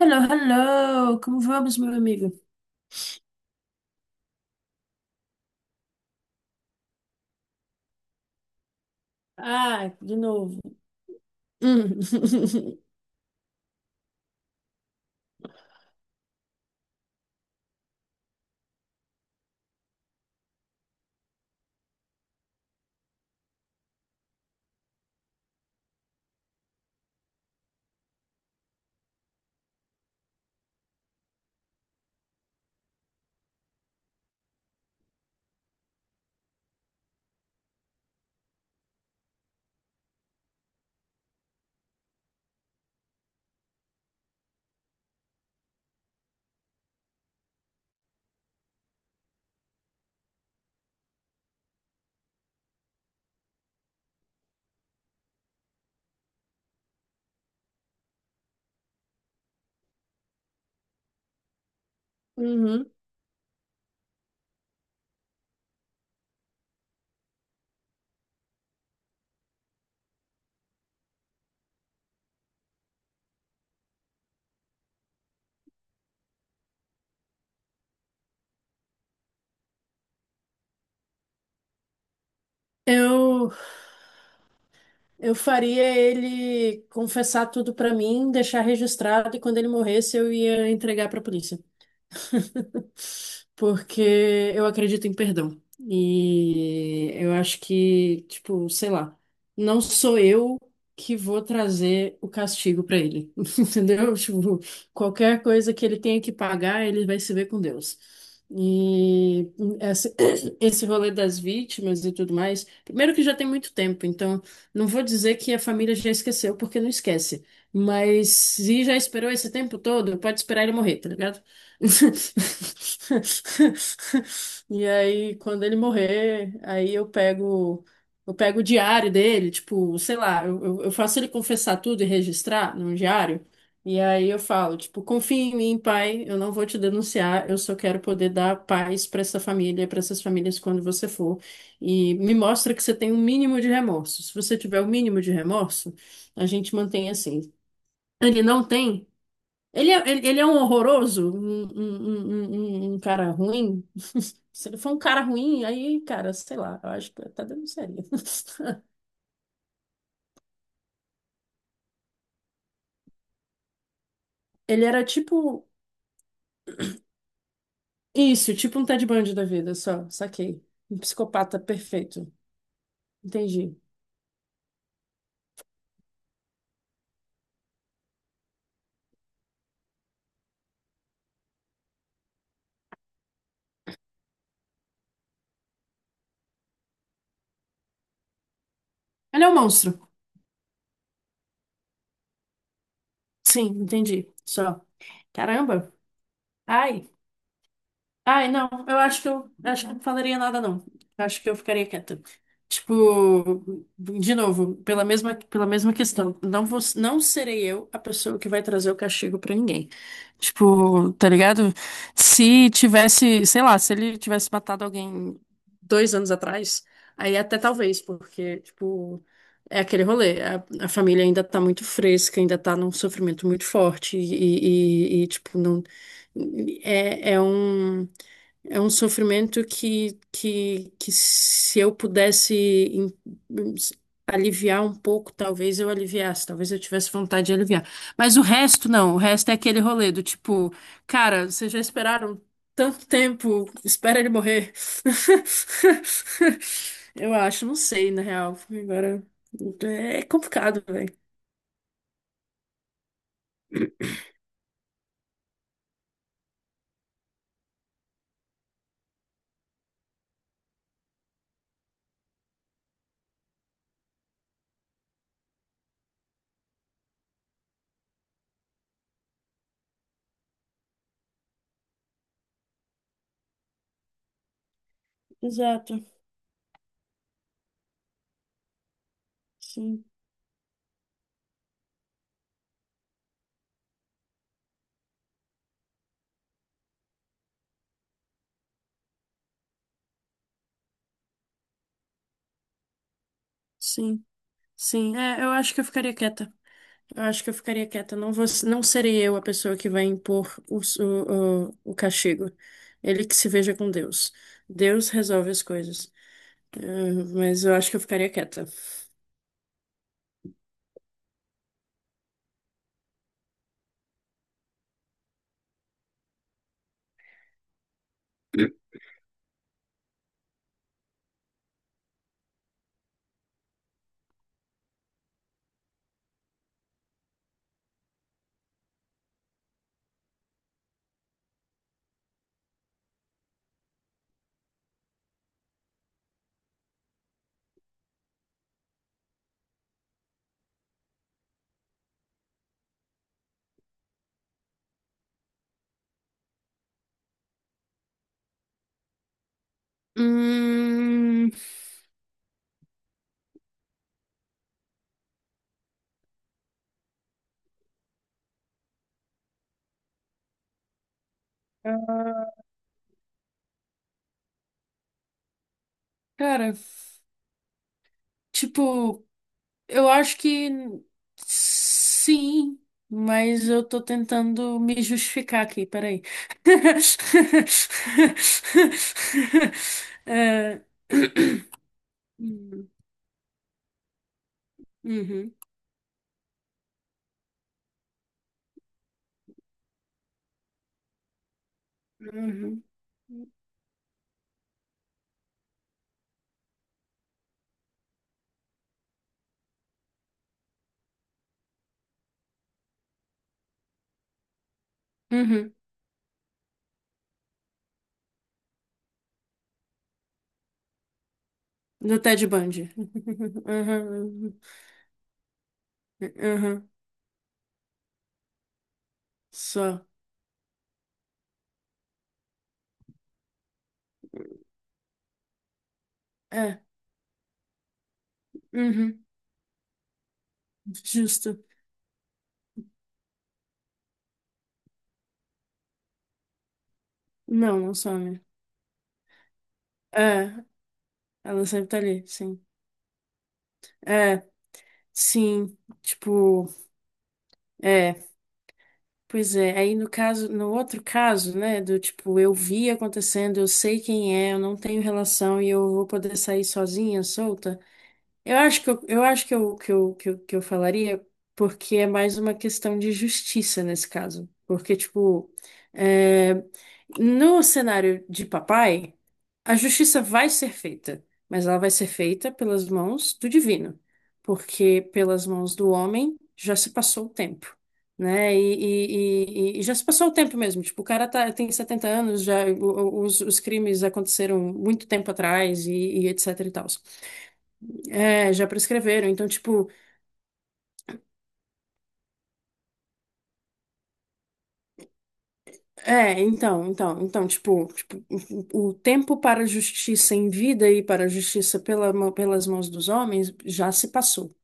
Hello, hello! Como vamos, meu amigo? Ah, de novo. Hum. Uhum. Eu, eu faria ele confessar tudo pra mim, deixar registrado e quando ele morresse eu ia entregar pra polícia, porque eu acredito em perdão. E eu acho que, tipo, sei lá, não sou eu que vou trazer o castigo pra ele, entendeu? Tipo, qualquer coisa que ele tenha que pagar, ele vai se ver com Deus. E esse, esse rolê das vítimas e tudo mais, primeiro que já tem muito tempo, então não vou dizer que a família já esqueceu, porque não esquece. Mas se já esperou esse tempo todo, pode esperar ele morrer, tá ligado? E aí, quando ele morrer, aí eu pego o diário dele, tipo, sei lá, eu faço ele confessar tudo e registrar num diário. E aí eu falo, tipo, confia em mim, pai, eu não vou te denunciar, eu só quero poder dar paz para essa família, para essas famílias quando você for. E me mostra que você tem um mínimo de remorso. Se você tiver o mínimo de remorso, a gente mantém assim. Ele não tem? Ele é, ele é um horroroso, um cara ruim. Se ele for um cara ruim, aí, cara, sei lá, eu acho que eu até denunciaria. Ele era tipo isso, tipo um Ted Bundy da vida, só, saquei. Um psicopata perfeito. Entendi. Ele é um monstro. Sim, entendi. Só. Caramba. Ai. Ai, não, eu acho que eu não falaria nada, não. Eu acho que eu ficaria quieta. Tipo, de novo, pela mesma questão. Não vou, não serei eu a pessoa que vai trazer o castigo pra ninguém. Tipo, tá ligado? Se tivesse, sei lá, se ele tivesse matado alguém 2 anos atrás, aí até talvez, porque, tipo, é aquele rolê. A família ainda tá muito fresca, ainda tá num sofrimento muito forte, e tipo, não. É um. É um sofrimento que se eu pudesse em- aliviar um pouco, talvez eu aliviasse, talvez eu tivesse vontade de aliviar. Mas o resto não, o resto é aquele rolê do tipo, cara, vocês já esperaram tanto tempo, espera ele morrer. Eu acho, não sei, na real. Agora é complicado, velho. Exato. Sim, sim, sim. É, eu acho que eu ficaria quieta. Eu acho que eu ficaria quieta. Não vou, não serei eu a pessoa que vai impor o castigo. Ele que se veja com Deus. Deus resolve as coisas. Mas eu acho que eu ficaria quieta. Hum, cara, tipo, eu acho que sim, mas eu tô tentando me justificar aqui, peraí. Eh, Uhum. Uhum. Uhum. Do Ted Bundy. Uhum. Uhum. Só. É. Uhum. Justo. Não, não some. É. Ela sempre tá ali, sim. É. Sim. Tipo, é. Pois é. Aí no caso, no outro caso, né, do tipo, eu vi acontecendo, eu sei quem é, eu não tenho relação e eu vou poder sair sozinha, solta. Eu acho que eu falaria porque é mais uma questão de justiça nesse caso. Porque, tipo, é, no cenário de papai, a justiça vai ser feita, mas ela vai ser feita pelas mãos do divino, porque pelas mãos do homem já se passou o tempo. Né? E já se passou o tempo mesmo. Tipo, o cara tá, tem 70 anos, já os crimes aconteceram muito tempo atrás e etc e tal. É, já prescreveram. Então, tipo, o tempo para a justiça em vida e para a justiça pela pelas mãos dos homens já se passou.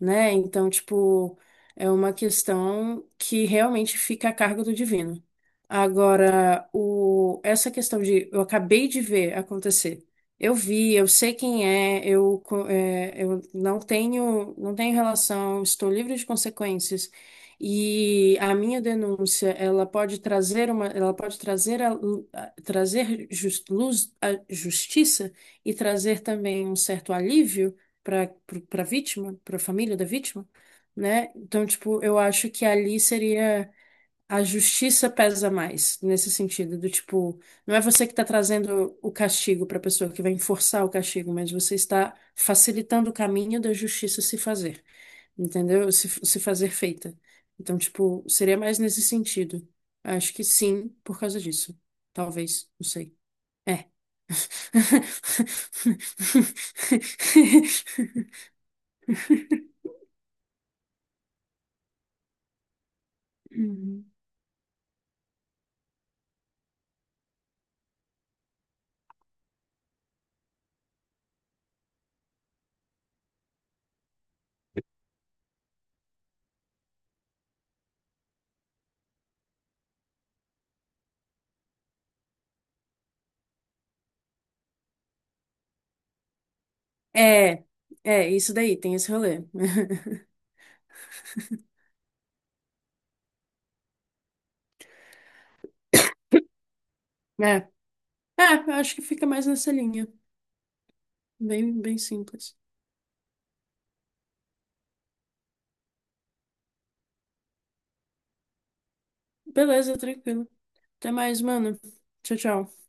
Né? Então, tipo, é uma questão que realmente fica a cargo do divino. Agora, essa questão de eu acabei de ver acontecer. Eu vi, eu sei quem é, eu não tenho relação, estou livre de consequências. E a minha denúncia, ela pode trazer uma, ela pode trazer a, luz, a justiça e trazer também um certo alívio para para vítima, para a família da vítima, né? Então, tipo, eu acho que ali seria a justiça pesa mais nesse sentido do tipo, não é você que está trazendo o castigo para a pessoa que vai enforçar o castigo, mas você está facilitando o caminho da justiça se fazer, entendeu? Se fazer feita. Então, tipo, seria mais nesse sentido. Acho que sim, por causa disso. Talvez, não sei. É. Uhum. É, é, isso daí, tem esse rolê. É, é, eu acho que fica mais nessa linha. Bem, bem simples. Beleza, tranquilo. Até mais, mano. Tchau, tchau.